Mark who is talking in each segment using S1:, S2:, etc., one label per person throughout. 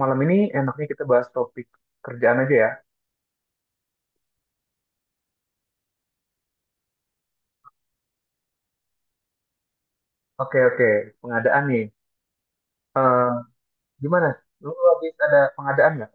S1: Malam ini enaknya kita bahas topik kerjaan aja ya. Oke, oke. Pengadaan nih. Eh, gimana? Lu habis ada pengadaan nggak?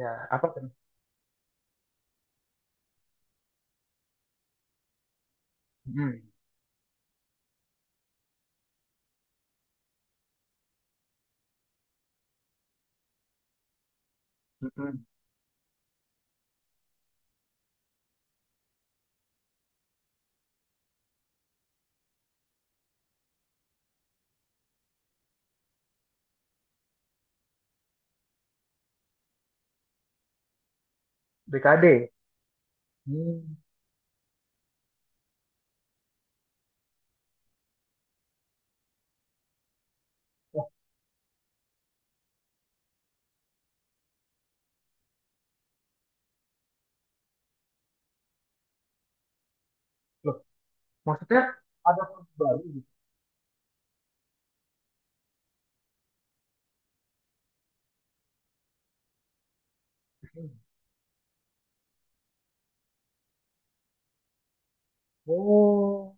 S1: Ya, apa tuh? Mm-mm. Mm-mm. BKD. Hmm. Wah, loh. Maksudnya ada produk baru gitu. Oh,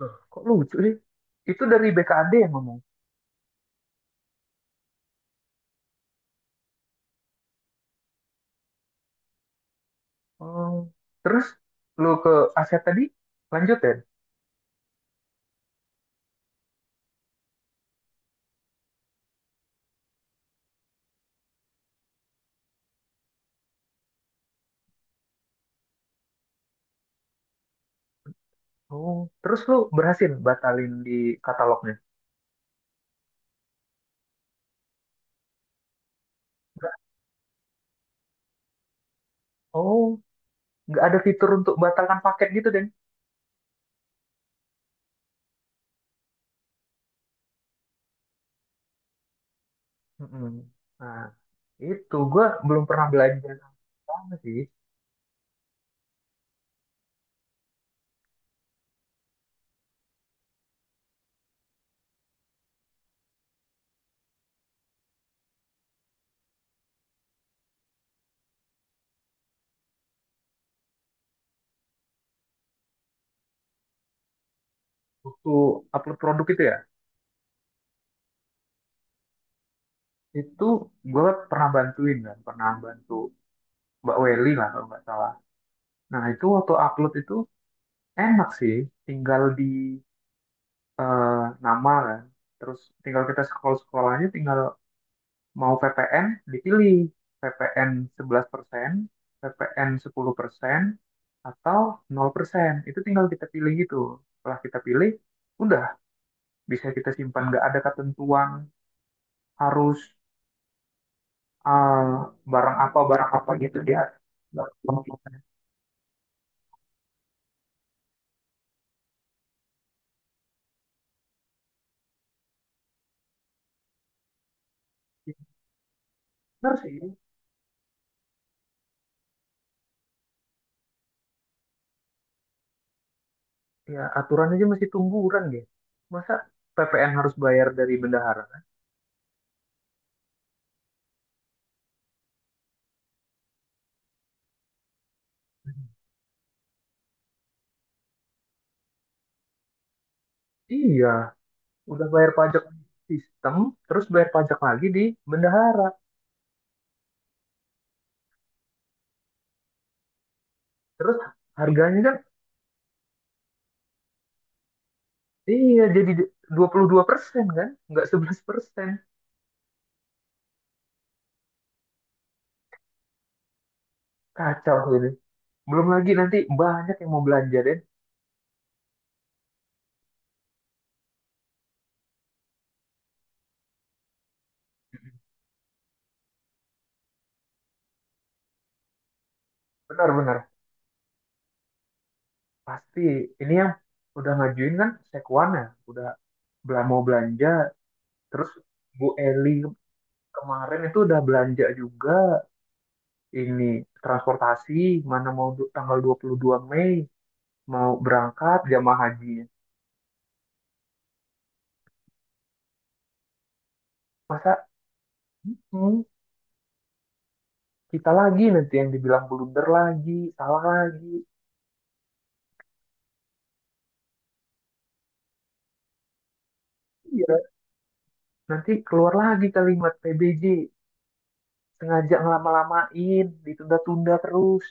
S1: loh, kok lucu sih? Itu dari BKD yang ngomong. Oh. Terus lu ke aset tadi lanjut ya? Oh, terus lu berhasil batalin di katalognya? Nggak- Oh, nggak ada fitur untuk batalkan paket gitu, Den. Mm-mm. Nah, itu gue belum pernah belajar sama sih. Waktu upload produk itu ya, itu gue pernah bantuin kan, pernah bantu Mbak Welly lah kalau nggak salah. Nah, itu waktu upload itu enak sih, tinggal di eh, nama kan. Terus tinggal kita scroll-scroll aja, tinggal mau VPN, dipilih. VPN sebelas VPN 11%, 10%, atau 0%. Itu tinggal kita pilih gitu. Setelah kita pilih, udah bisa kita simpan, nggak ada ketentuan harus ah, barang apa gitu. Dia nggak benar sih. Ya, aturan aja masih tungguran deh. Masa PPN harus bayar dari bendahara? Iya, udah bayar pajak sistem terus bayar pajak lagi di bendahara. Terus harganya kan, iya, jadi dua 22% kan, nggak 11%. Kacau ini. Belum lagi nanti banyak yang mau belanja deh. Benar-benar. Pasti ini yang udah ngajuin kan sekuan ya, udah mau belanja. Terus Bu Eli kemarin itu udah belanja juga, ini transportasi. Mana mau tanggal 22 Mei mau berangkat jamaah haji. Masa hmm, kita lagi nanti yang dibilang blunder lagi, salah lagi. Iya, nanti keluar lagi kalimat PBJ sengaja ngelama-lamain, ditunda-tunda terus.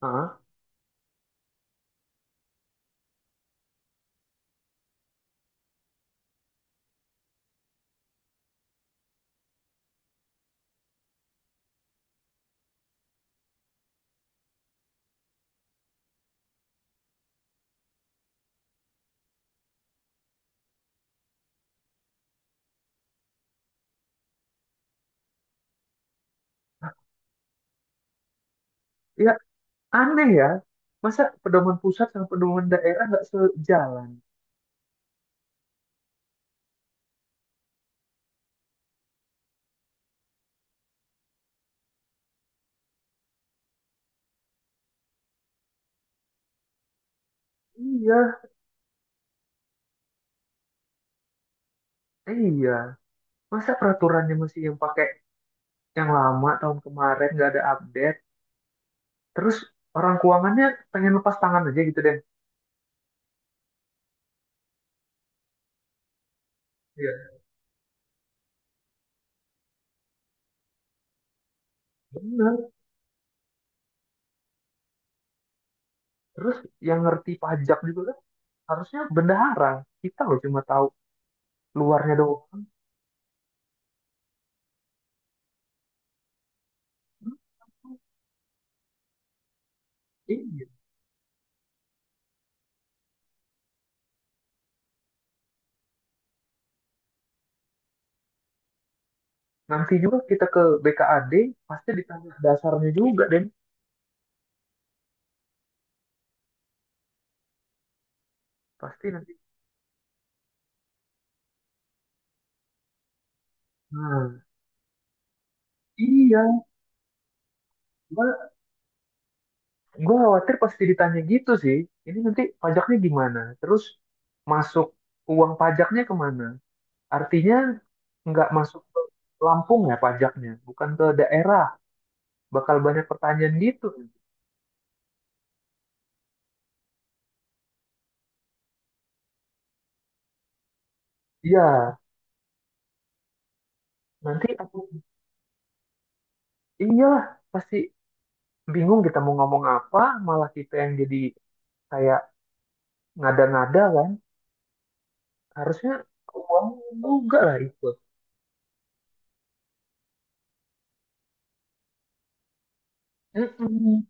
S1: Hah? Ya, aneh ya, masa pedoman pusat sama pedoman daerah nggak sejalan? Iya, iya. Masa peraturannya masih yang pakai yang lama, tahun kemarin nggak ada update. Terus orang keuangannya pengen lepas tangan aja gitu deh. Iya, bener. Terus yang ngerti pajak juga kan harusnya bendahara. Kita loh cuma tahu luarnya doang. Iya. Nanti juga kita ke BKAD pasti ditanya dasarnya juga, Den. Pasti nanti. Nah, iya. Gue khawatir pasti ditanya gitu sih. Ini nanti pajaknya gimana? Terus masuk uang pajaknya kemana? Artinya nggak masuk ke Lampung ya pajaknya, bukan ke daerah. Bakal banyak pertanyaan gitu. Iya, nanti iyalah pasti bingung kita mau ngomong apa, malah kita yang jadi kayak ngada-ngada kan. Harusnya uang juga lah itu. Mm-mm.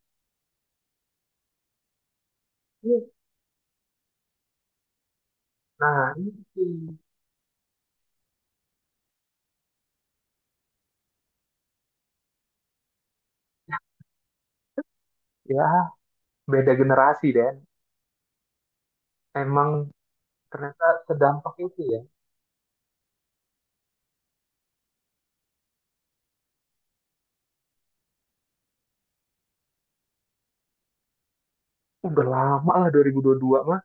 S1: Nah, itu. Ya, beda generasi emang ternyata sedampak itu ya. Udah lama lah 2022 mah.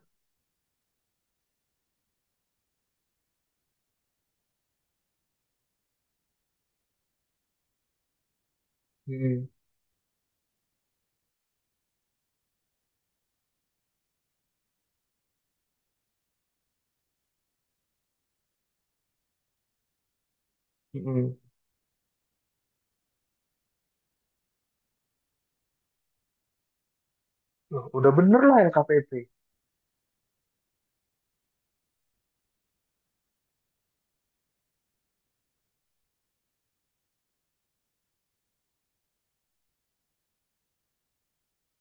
S1: Hmm. Mm. Loh, udah bener lah LKPP.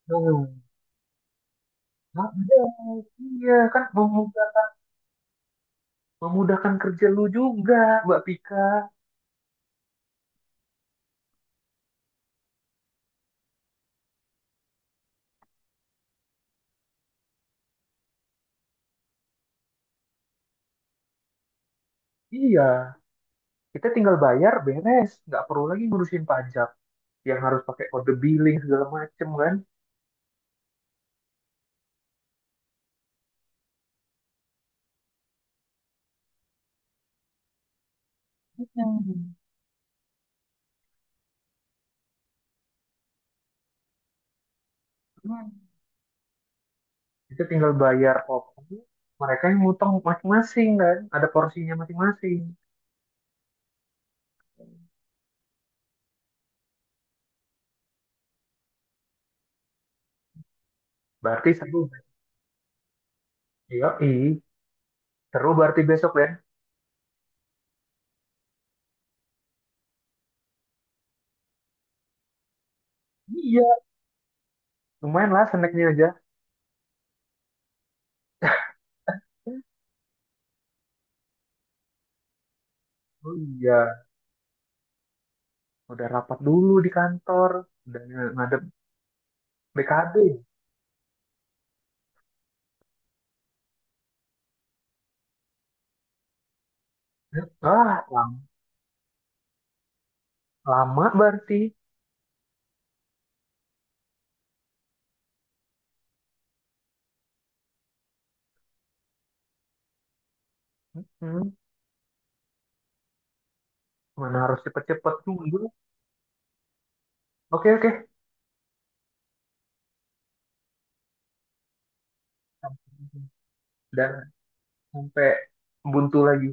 S1: Hmm. Nah, iya, iya kan memudahkan, memudahkan kerja lu juga, Mbak Pika. Iya, kita tinggal bayar beres, nggak perlu lagi ngurusin pajak yang harus pakai kode billing segala macem kan. Hmm. Kita tinggal bayar pokoknya, mereka yang ngutang masing-masing kan, ada porsinya masing-masing. Berarti seru. Iya, seru berarti besok ya. Iya, lumayan lah snacknya aja. Oh iya, udah rapat dulu di kantor, udah ngadep BKD. Ah, lam- lama berarti. Hmm, mana harus cepet-cepet dulu. Oke, oke. Dan sampai buntu lagi.